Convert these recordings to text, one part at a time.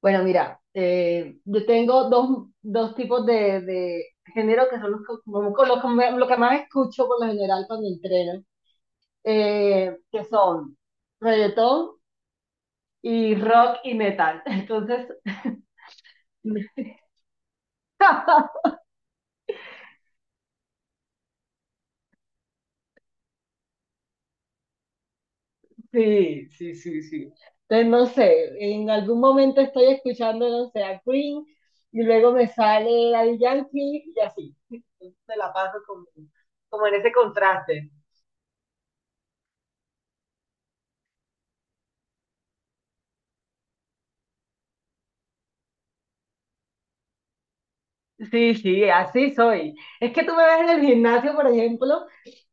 Bueno, mira, yo tengo dos tipos de género que son los que, con los que lo que más escucho por lo general cuando entreno, que son reggaetón y rock y metal. Entonces, sí, sí, sí, sí. Entonces, no sé, en algún momento estoy escuchando, no sé, a Queen y luego me sale Daddy Yankee y así. Entonces, me la paso como, como en ese contraste. Sí, sí, así soy. Es que tú me ves en el gimnasio, por ejemplo,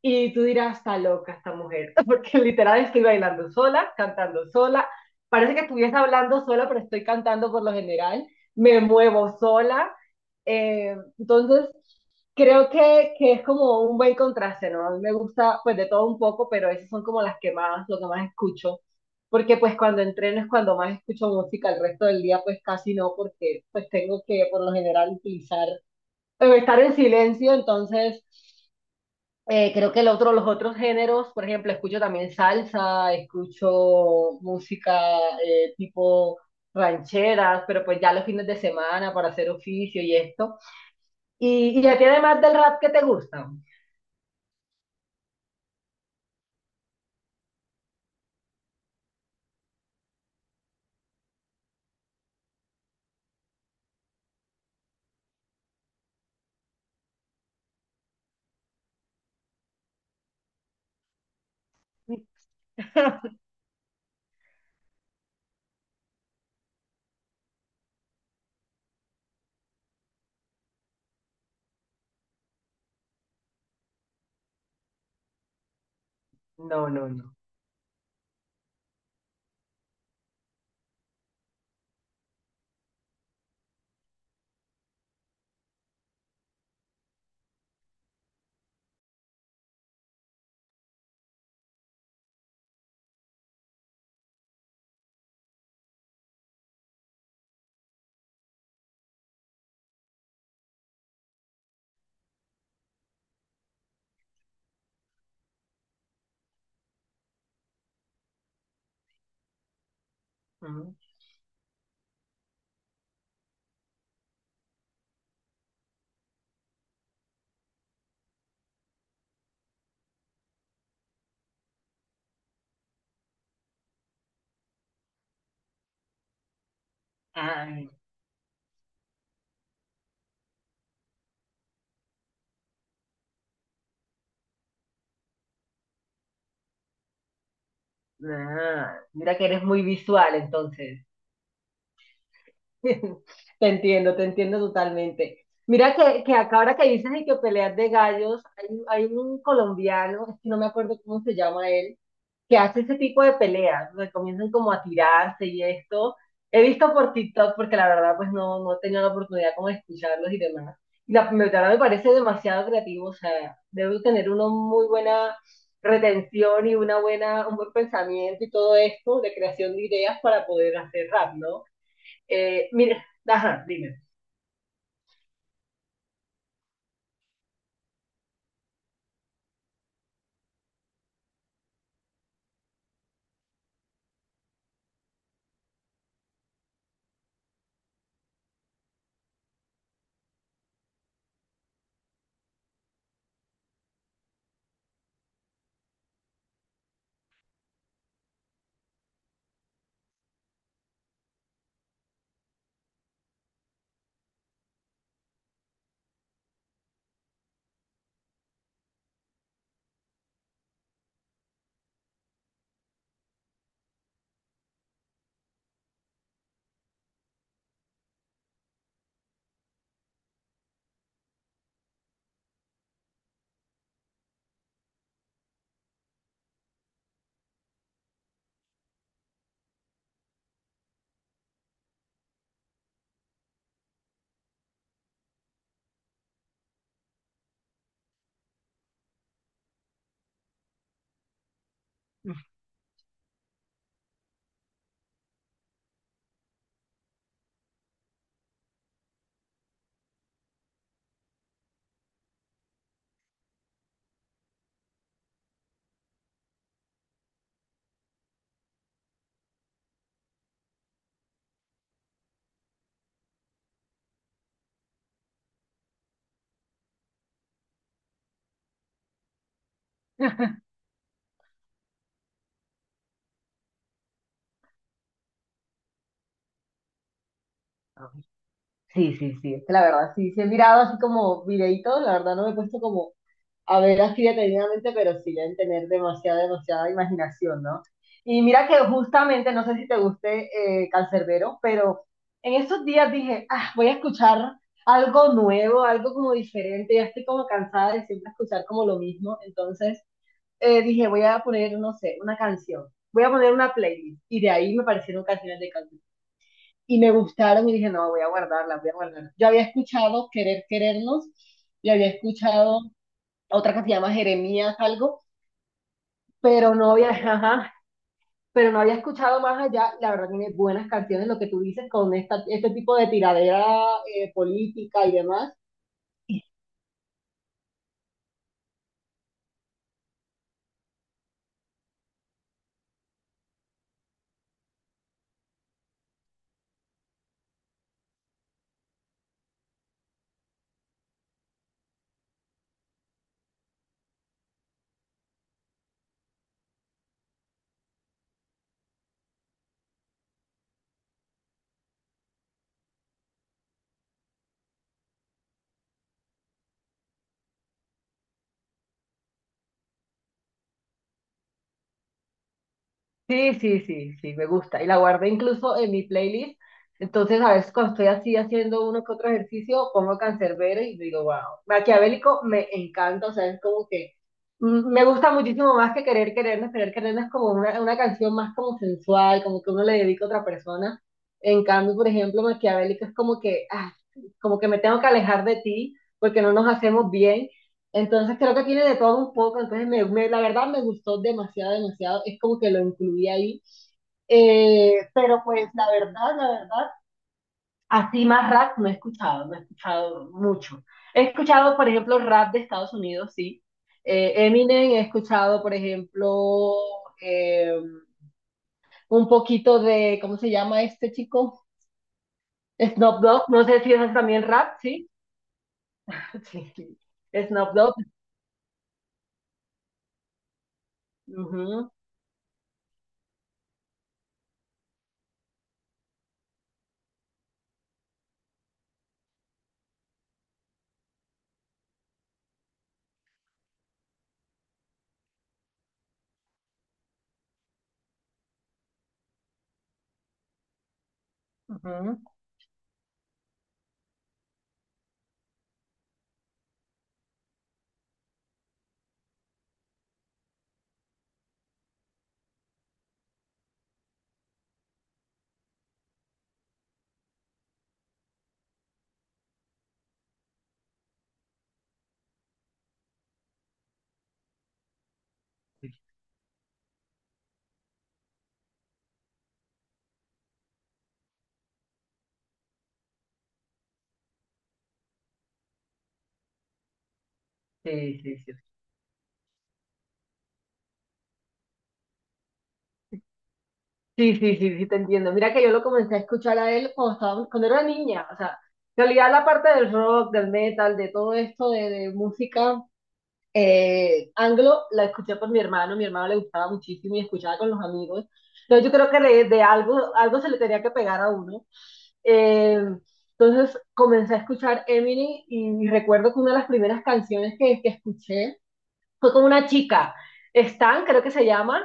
y tú dirás, está loca esta mujer, porque literal estoy bailando sola, cantando sola. Parece que estuviese hablando sola, pero estoy cantando por lo general. Me muevo sola. Entonces, creo que es como un buen contraste, ¿no? A mí me gusta pues de todo un poco, pero esas son como las que más, lo que más escucho. Porque pues cuando entreno es cuando más escucho música, el resto del día pues casi no, porque pues tengo que por lo general utilizar o estar en silencio, entonces creo que el otro, los otros géneros, por ejemplo, escucho también salsa, escucho música tipo rancheras, pero pues ya los fines de semana para hacer oficio y esto. Y a ti además del rap qué te gusta? No, no, no. Mm. Ay, ah, mira que eres muy visual entonces. Te entiendo totalmente. Mira que acá ahora que dices de que peleas de gallos, hay un colombiano, es que no me acuerdo cómo se llama él, que hace ese tipo de peleas, donde comienzan como a tirarse y esto. He visto por TikTok porque la verdad pues no, no he tenido la oportunidad como de escucharlos y demás. Y la verdad me parece demasiado creativo, o sea, debe tener una muy buena retención y una buena, un buen pensamiento y todo esto de creación de ideas para poder hacer rap, ¿no? Mira, ajá, dime. Sí, sí, sí, es que la verdad, sí, sí he mirado así como videitos, la verdad no me he puesto como a ver así detenidamente, pero sí deben tener demasiada, demasiada imaginación, ¿no? Y mira que justamente, no sé si te guste Cancerbero, pero en estos días dije, ah, voy a escuchar algo nuevo, algo como diferente, ya estoy como cansada de siempre escuchar como lo mismo, entonces dije, voy a poner, no sé, una canción, voy a poner una playlist, y de ahí me parecieron canciones de y me gustaron y dije, no, voy a guardarlas, voy a guardarlas. Yo había escuchado Querer Querernos y había escuchado otra que se llama Jeremías algo, pero no había, ajá, pero no había escuchado más allá. La verdad tiene buenas canciones, lo que tú dices con esta, este tipo de tiradera política y demás. Sí, sí, sí, sí, me gusta. Y la guardé incluso en mi playlist. Entonces, a veces cuando estoy así haciendo uno que otro ejercicio, pongo Canserbero y digo, wow, Maquiavélico me encanta, o sea, es como que mm, me gusta muchísimo más que Querer Querernos. Querer Querernos es como una canción más como sensual, como que uno le dedica a otra persona. En cambio, por ejemplo, Maquiavélico es como que, ah, como que me tengo que alejar de ti porque no nos hacemos bien. Entonces creo que tiene de todo un poco, entonces la verdad me gustó demasiado, demasiado, es como que lo incluí ahí. Pero pues la verdad, así más rap no he escuchado, no he escuchado mucho. He escuchado, por ejemplo, rap de Estados Unidos, sí. Eminem, he escuchado, por ejemplo, eh, un poquito de, ¿cómo se llama este chico? Snoop Dogg, no sé si es también rap, sí. Sí, sí. Snoop Dogg. Ujú, ujú. Sí, sí, sí. Sí, sí, sí, sí, te entiendo. Mira que yo lo comencé a escuchar a él cuando estaba, cuando era niña. O sea, en realidad la parte del rock, del metal, de todo esto de música anglo, la escuché por mi hermano. Mi hermano le gustaba muchísimo y escuchaba con los amigos. Entonces yo creo que de algo, algo se le tenía que pegar a uno. Eh, entonces comencé a escuchar Eminem y, recuerdo que una de las primeras canciones que escuché fue con una chica, Stan, creo que se llama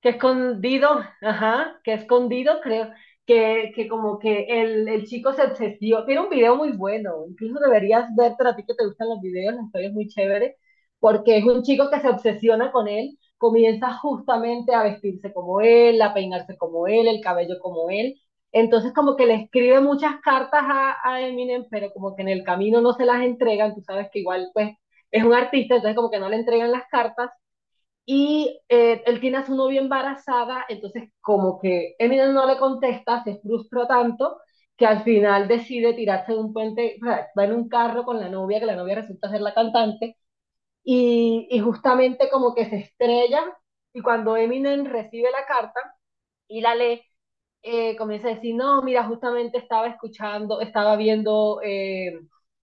que escondido, ajá, que escondido, creo, que como que el chico se obsesionó. Tiene un video muy bueno, incluso deberías ver, a ti que te gustan los videos, la historia es muy chévere, porque es un chico que se obsesiona con él, comienza justamente a vestirse como él, a peinarse como él, el cabello como él. Entonces como que le escribe muchas cartas a Eminem, pero como que en el camino no se las entregan, tú sabes que igual pues es un artista, entonces como que no le entregan las cartas y él tiene a su novia embarazada, entonces como que Eminem no le contesta, se frustra tanto que al final decide tirarse de un puente, o sea, va en un carro con la novia, que la novia resulta ser la cantante, y justamente como que se estrella, y cuando Eminem recibe la carta y la lee, comienza a decir, no, mira, justamente estaba escuchando, estaba viendo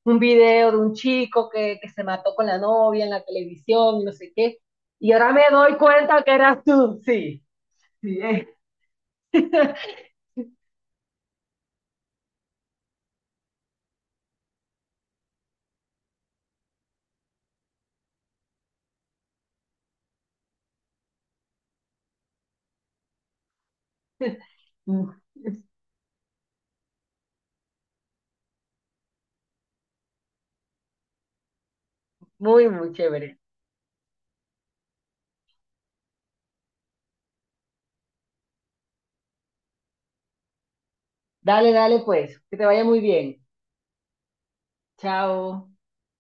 un video de un chico que se mató con la novia en la televisión, y no sé qué, y ahora me doy cuenta que eras tú, sí, sí, eh. Muy, muy chévere. Dale, dale, pues, que te vaya muy bien. Chao.